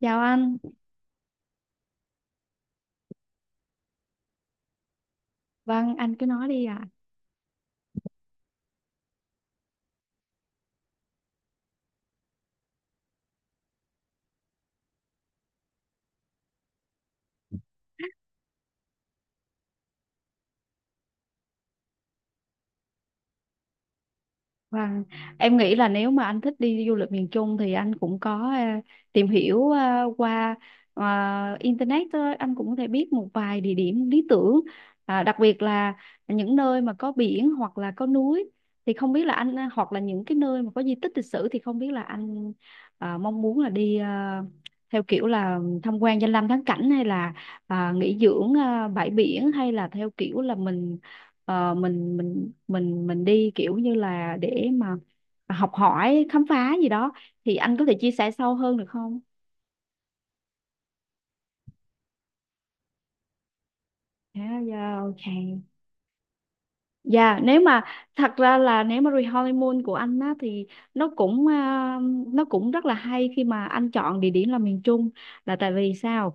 Chào anh, vâng anh cứ nói đi ạ. Vâng, em nghĩ là nếu mà anh thích đi du lịch miền Trung thì anh cũng có tìm hiểu qua ờ, internet thôi. Anh cũng có thể biết một vài địa điểm lý tưởng, à, đặc biệt là những nơi mà có biển hoặc là có núi thì không biết là anh hoặc là những cái nơi mà có di tích lịch sử thì không biết là anh mong muốn là đi theo kiểu là tham quan danh lam thắng cảnh hay là à, nghỉ dưỡng à, bãi biển hay là theo kiểu là mình. Mình đi kiểu như là để mà học hỏi khám phá gì đó thì anh có thể chia sẻ sâu hơn được không? Yeah, yeah, okay. Dạ, nếu mà thật ra là nếu mà honeymoon của anh á thì nó cũng à, nó cũng rất là hay khi mà anh chọn địa điểm là miền Trung, là tại vì sao?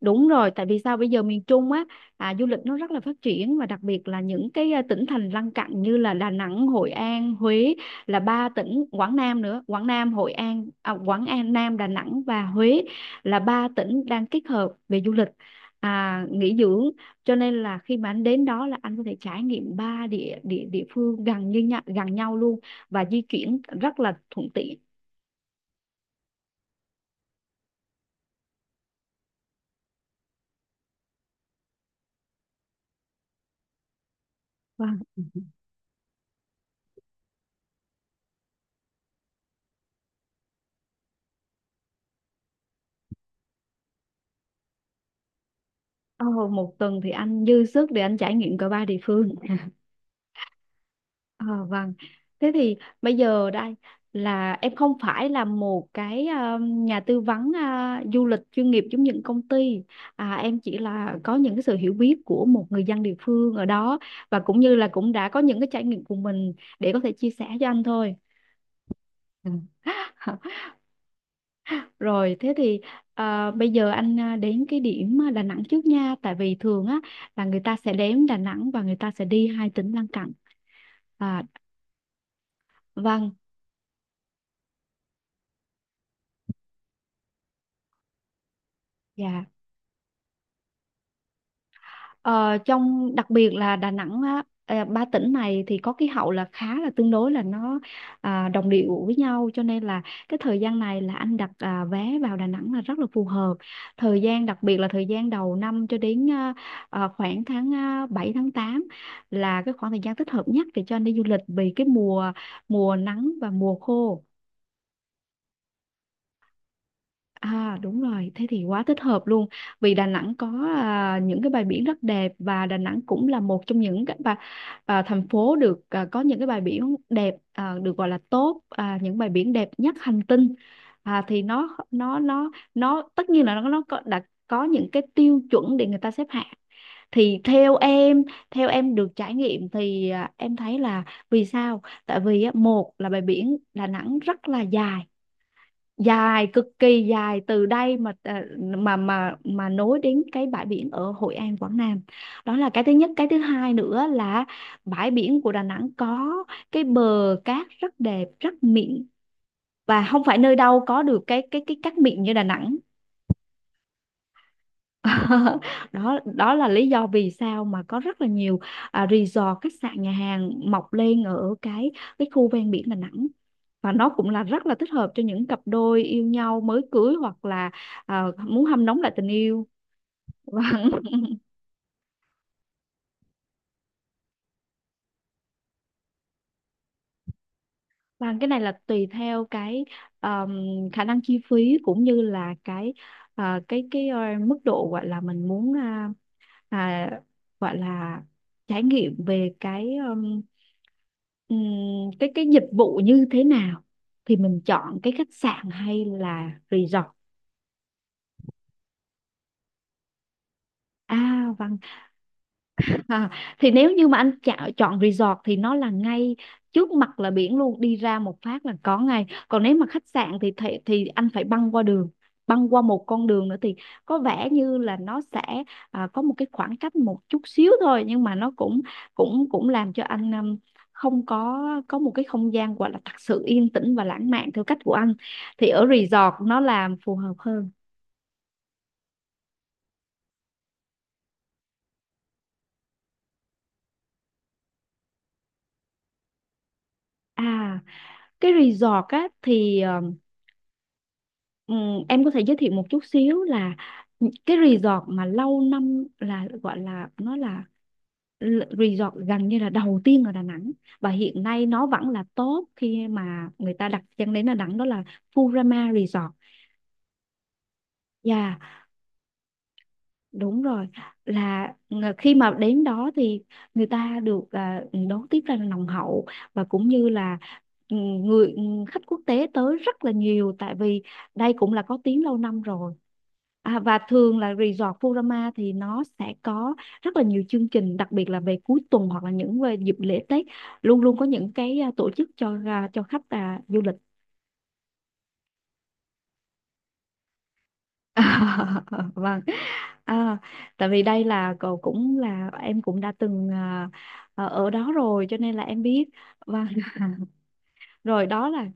Đúng rồi, tại vì sao bây giờ miền Trung á, à, du lịch nó rất là phát triển và đặc biệt là những cái à, tỉnh thành lân cận như là Đà Nẵng, Hội An, Huế, là ba tỉnh Quảng Nam nữa, Quảng Nam, Hội An, à, Quảng An, Nam, Đà Nẵng và Huế là ba tỉnh đang kết hợp về du lịch à, nghỉ dưỡng, cho nên là khi mà anh đến đó là anh có thể trải nghiệm ba địa địa địa phương gần như nhau, gần nhau luôn và di chuyển rất là thuận tiện. Vâng. Ờ, một tuần thì anh dư sức để anh trải nghiệm cả ba địa phương. Ờ, vâng. Thế thì bây giờ đây là em không phải là một cái ờ, nhà tư vấn du lịch chuyên nghiệp giống những công ty. À, em chỉ là có những cái sự hiểu biết của một người dân địa phương ở đó và cũng như là cũng đã có những cái trải nghiệm của mình để có thể chia sẻ cho anh thôi. Ừ. Rồi thế thì bây giờ anh đến cái điểm Đà Nẵng trước nha, tại vì thường á là người ta sẽ đến Đà Nẵng và người ta sẽ đi hai tỉnh lân cận. À, vâng. Dạ. Ờ, trong đặc biệt là Đà Nẵng á, ờ, ba tỉnh này thì có khí hậu là khá là tương đối là nó à, đồng điệu với nhau, cho nên là cái thời gian này là anh đặt à, vé vào Đà Nẵng là rất là phù hợp. Thời gian đặc biệt là thời gian đầu năm cho đến à, à, khoảng tháng à, 7 tháng 8 là cái khoảng thời gian thích hợp nhất để cho anh đi du lịch vì cái mùa mùa nắng và mùa khô. À đúng rồi, thế thì quá thích hợp luôn. Vì Đà Nẵng có à, những cái bãi biển rất đẹp và Đà Nẵng cũng là một trong những cái bà, à, thành phố được à, có những cái bãi biển đẹp à, được gọi là tốt à, những bãi biển đẹp nhất hành tinh. À, thì nó tất nhiên là nó có, đã có những cái tiêu chuẩn để người ta xếp hạng. Thì theo em được trải nghiệm thì à, em thấy là, vì sao? Tại vì á, một là bãi biển Đà Nẵng rất là dài, dài cực kỳ dài từ đây mà à, mà nối đến cái bãi biển ở Hội An Quảng Nam, đó là cái thứ nhất. Cái thứ hai nữa là bãi biển của Đà Nẵng có cái bờ cát rất đẹp rất mịn và không phải nơi đâu có được cái cái cát mịn như Đà Nẵng. Đó, đó là lý do vì sao mà có rất là nhiều à, resort, khách sạn, nhà hàng mọc lên ở cái khu ven biển Đà Nẵng và nó cũng là rất là thích hợp cho những cặp đôi yêu nhau mới cưới hoặc là à, muốn hâm nóng lại tình yêu. và, và cái này là tùy theo cái um, khả năng chi phí, cũng như là cái à, cái ờ, mức độ gọi là mình muốn à, à, gọi là trải nghiệm về cái ừm, cái dịch vụ như thế nào thì mình chọn cái khách sạn hay là resort. À và, à, thì nếu như mà anh chọn chọn resort thì nó là ngay trước mặt là biển luôn, đi ra một phát là có ngay. Còn nếu mà khách sạn thì thì anh phải băng qua đường, băng qua một con đường nữa thì có vẻ như là nó sẽ à, có một cái khoảng cách một chút xíu thôi nhưng mà nó cũng cũng cũng làm cho anh không có có một cái không gian gọi là thật sự yên tĩnh và lãng mạn theo cách của anh, thì ở resort nó làm phù hợp hơn. À cái resort á thì ờ, ừ, em có thể giới thiệu một chút xíu là những cái resort mà lâu năm là gọi là nó là resort gần như là đầu tiên ở Đà Nẵng và hiện nay nó vẫn là top khi mà người ta đặt chân đến Đà Nẵng, đó là Furama Resort. Dạ, đúng rồi, là khi mà đến đó thì người ta được à, đón tiếp rất là nồng hậu và cũng như là ừ, người ừ, khách quốc tế tới rất là nhiều tại vì đây cũng là có tiếng lâu năm rồi. À, và thường là resort Furama thì nó sẽ có rất là nhiều chương trình đặc biệt là về cuối tuần hoặc là những về dịp lễ Tết, luôn luôn có những cái à, tổ chức cho à, cho khách à, du lịch. Vâng. À, tại vì đây là cậu cũng là em cũng đã từng à, ở ở đó rồi cho nên là em biết và rồi đó là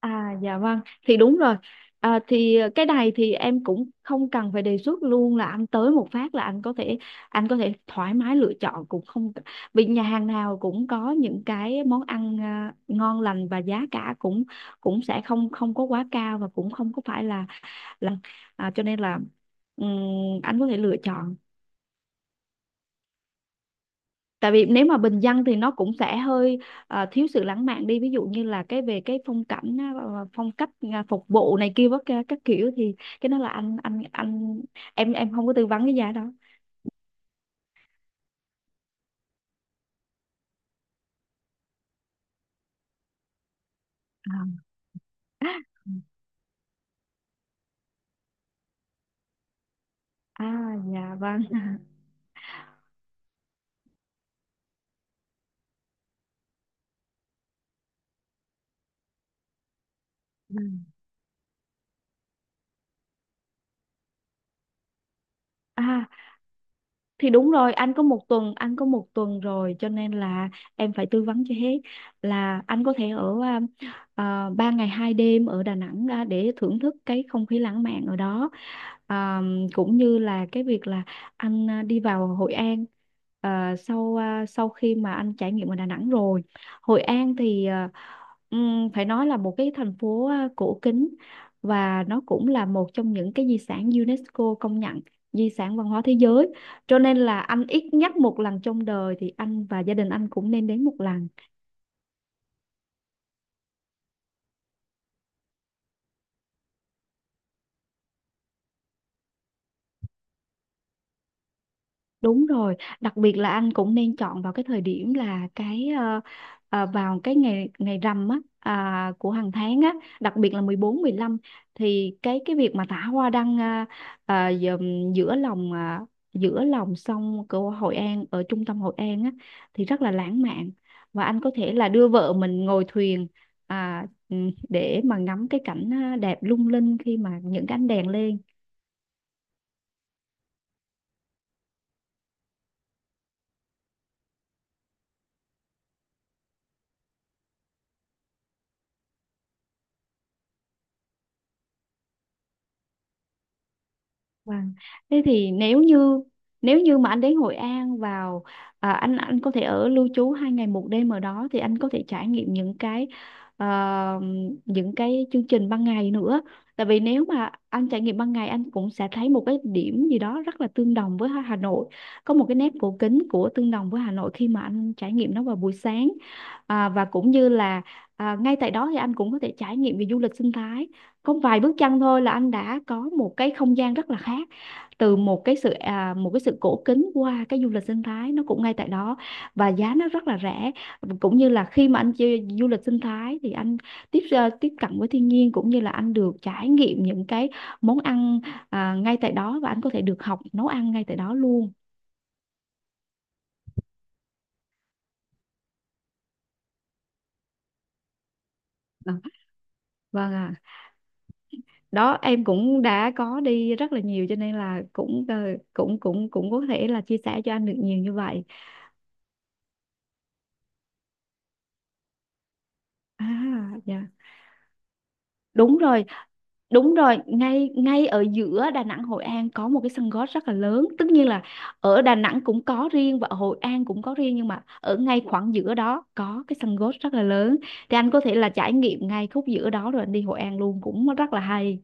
à dạ vâng, thì đúng rồi. À, thì cái này thì em cũng không cần phải đề xuất luôn, là anh tới một phát là anh có thể, anh có thể thoải mái lựa chọn cũng không, vì nhà hàng nào cũng có những cái món ăn à, ngon lành và giá cả cũng cũng sẽ không không có quá cao và cũng không có phải là à, cho nên là ừm, anh có thể lựa chọn, tại vì nếu mà bình dân thì nó cũng sẽ hơi ờ, thiếu sự lãng mạn đi, ví dụ như là cái về cái phong cảnh á, ờ, ờ, phong cách à, phục vụ này kia các kiểu thì cái đó là anh em không có tư vấn cái giá đó. À, ừ, à dạ vâng. Ừ. À thì đúng rồi, anh có một tuần, anh có một tuần rồi cho nên là em phải tư vấn cho hết, là anh có thể ở à, à, 3 ngày 2 đêm ở Đà Nẵng à, để thưởng thức cái không khí lãng mạn ở đó. À, cũng như là cái việc là anh à, đi vào Hội An à, sau khi mà anh trải nghiệm ở Đà Nẵng rồi. Hội An thì à, phải nói là một cái thành phố à, cổ kính và nó cũng là một trong những cái di sản UNESCO công nhận, di sản văn hóa thế giới, cho nên là anh ít nhất một lần trong đời thì anh và gia đình anh cũng nên đến một lần. Đúng rồi, đặc biệt là anh cũng nên chọn vào cái thời điểm là cái ờ, ờ, vào cái ngày ngày rằm á à, của hàng tháng á, đặc biệt là 14 15, thì cái việc mà thả hoa đăng à, à, giữa lòng à, giữa lòng sông của Hội An ở trung tâm Hội An á thì rất là lãng mạn và anh có thể là đưa vợ mình ngồi thuyền à, ừ, để mà ngắm cái cảnh à, đẹp lung linh khi mà những cái ánh đèn lên. Vâng. Thế thì nếu như, nếu như mà anh đến Hội An vào à, anh có thể ở lưu trú 2 ngày 1 đêm ở đó thì anh có thể trải nghiệm những cái ờ, những cái chương trình ban ngày nữa. Tại vì nếu mà anh trải nghiệm ban ngày anh cũng sẽ thấy một cái điểm gì đó rất là tương đồng với Hà Nội, có một cái nét cổ kính của tương đồng với Hà Nội khi mà anh trải nghiệm nó vào buổi sáng và cũng như là ngay tại đó thì anh cũng có thể trải nghiệm về du lịch sinh thái. Có vài bước chân thôi là anh đã có một cái không gian rất là khác, từ một cái sự một cái sự cổ kính qua cái du lịch sinh thái nó cũng ngay tại đó, và giá nó rất là rẻ. Cũng như là khi mà anh chơi du lịch sinh thái thì anh tiếp cận với thiên nhiên cũng như là anh được trải nghiệm những cái món ăn ngay tại đó, và anh có thể được học nấu ăn ngay tại đó luôn. Ờ, vâng ạ, đó em cũng đã có đi rất là nhiều cho nên là cũng cũng cũng có thể là chia sẻ cho anh được nhiều như vậy. À, dạ. Đúng rồi, đúng rồi, ngay ngay ở giữa Đà Nẵng Hội An có một cái sân golf rất là lớn. Tất nhiên là ở Đà Nẵng cũng có riêng và ở Hội An cũng có riêng, nhưng mà ở ngay khoảng giữa đó có cái sân golf rất là lớn. Thì anh có thể là trải nghiệm ngay khúc giữa đó rồi anh đi Hội An luôn cũng rất là hay.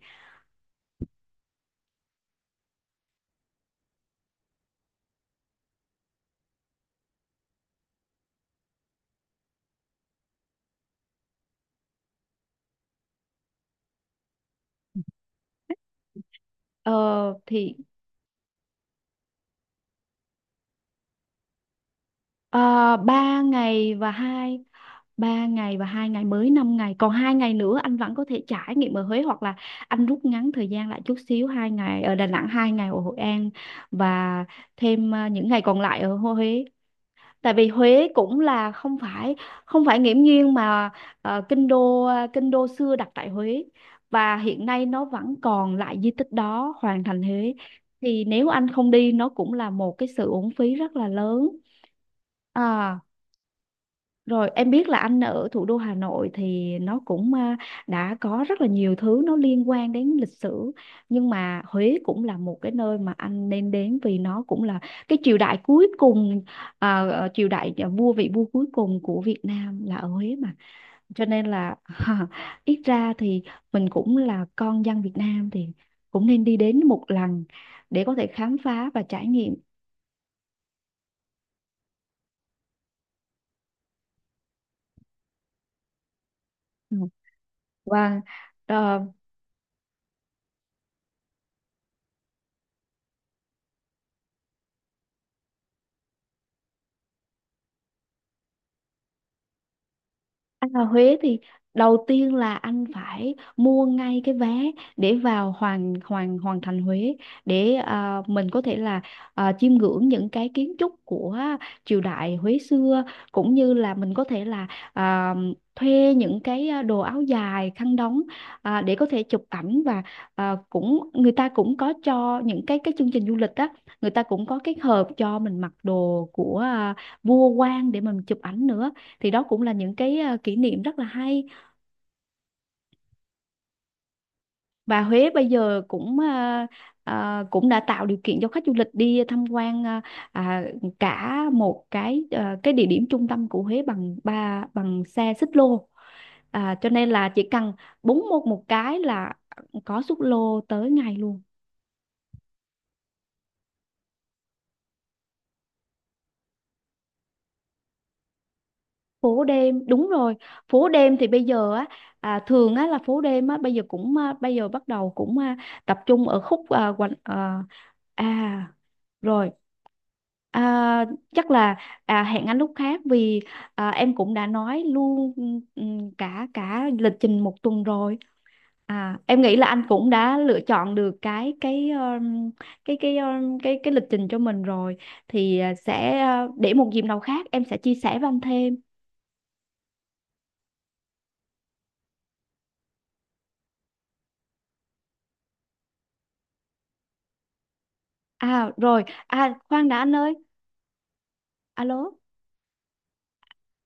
Ờ thì ờ, ba ngày và hai, ba ngày và hai ngày mới 5 ngày, còn hai ngày nữa anh vẫn có thể trải nghiệm ở Huế, hoặc là anh rút ngắn thời gian lại chút xíu, hai ngày ở Đà Nẵng hai ngày ở Hội An, và thêm những ngày còn lại ở Huế. Tại vì Huế cũng là không phải, không phải nghiễm nhiên mà kinh đô, kinh đô xưa đặt tại Huế và hiện nay nó vẫn còn lại di tích đó, hoàng thành Huế. Thì nếu anh không đi nó cũng là một cái sự uổng phí rất là lớn. à, Rồi em biết là anh ở thủ đô Hà Nội thì nó cũng đã có rất là nhiều thứ nó liên quan đến lịch sử, nhưng mà Huế cũng là một cái nơi mà anh nên đến vì nó cũng là cái triều đại cuối cùng, triều đại vua, vị vua cuối cùng của Việt Nam là ở Huế mà. Cho nên là ít ra thì mình cũng là con dân Việt Nam thì cũng nên đi đến một lần để có thể khám phá và trải nghiệm. Ừ. Vâng, ờ, anh vào Huế thì đầu tiên là anh phải mua ngay cái vé để vào hoàng hoàng hoàng thành Huế, để mình có thể là chiêm ngưỡng những cái kiến trúc của triều đại Huế xưa, cũng như là mình có thể là à, thuê những cái đồ áo dài khăn đóng để có thể chụp ảnh, và cũng người ta cũng có cho những cái chương trình du lịch á, người ta cũng có cái hộp cho mình mặc đồ của vua quan để mình chụp ảnh nữa. Thì đó cũng là những cái kỷ niệm rất là hay. Và Huế bây giờ cũng cũng đã tạo điều kiện cho khách du lịch đi tham quan à, cả một cái cái địa điểm trung tâm của Huế bằng ba, bằng xe xích lô. Cho nên là chỉ cần búng một một cái là có xích lô tới ngay luôn. Phố đêm đúng rồi, phố đêm thì bây giờ á, thường á là phố đêm á bây giờ cũng à, bây giờ bắt đầu cũng tập trung ở khúc quanh à rồi, à, chắc là hẹn anh lúc khác, vì em cũng đã nói luôn, ừ, cả cả lịch trình một tuần rồi. Em nghĩ là anh cũng đã lựa chọn được cái lịch trình cho mình rồi, thì sẽ để một dịp nào khác em sẽ chia sẻ với anh thêm. À rồi, à khoan đã anh ơi, alo.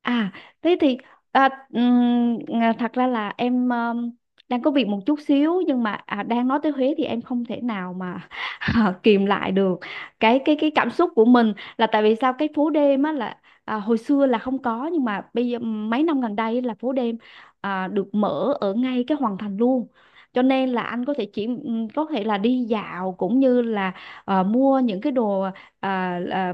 À, thế thì thật ra là em đang có việc một chút xíu, nhưng mà đang nói tới Huế thì em không thể nào mà kìm lại được cái cảm xúc của mình. Là tại vì sao cái phố đêm á là hồi xưa là không có, nhưng mà bây giờ mấy năm gần đây là phố đêm được mở ở ngay cái Hoàng Thành luôn. Cho nên là anh có thể chỉ có thể là đi dạo, cũng như là mua những cái đồ à, là,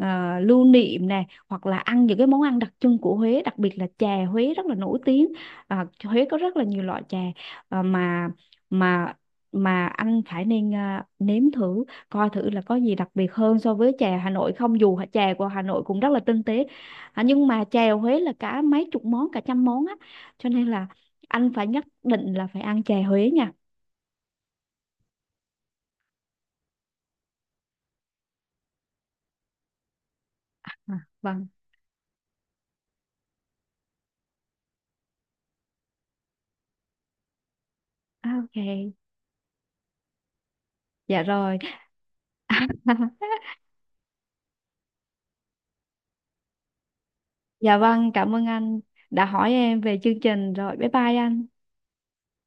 lưu niệm nè, hoặc là ăn những cái món ăn đặc trưng của Huế, đặc biệt là chè Huế rất là nổi tiếng. Huế có rất là nhiều loại chè à, mà mà mà anh phải nên nếm thử coi thử là có gì đặc biệt hơn so với chè Hà Nội không, dù chè của Hà Nội cũng rất là tinh tế, nhưng mà chè Huế là cả mấy chục món, cả trăm món á, cho nên là anh phải nhất định là phải ăn chè Huế nha. À, vâng. À, ok, dạ rồi. Dạ vâng, cảm ơn anh đã hỏi em về chương trình rồi. Bye bye anh.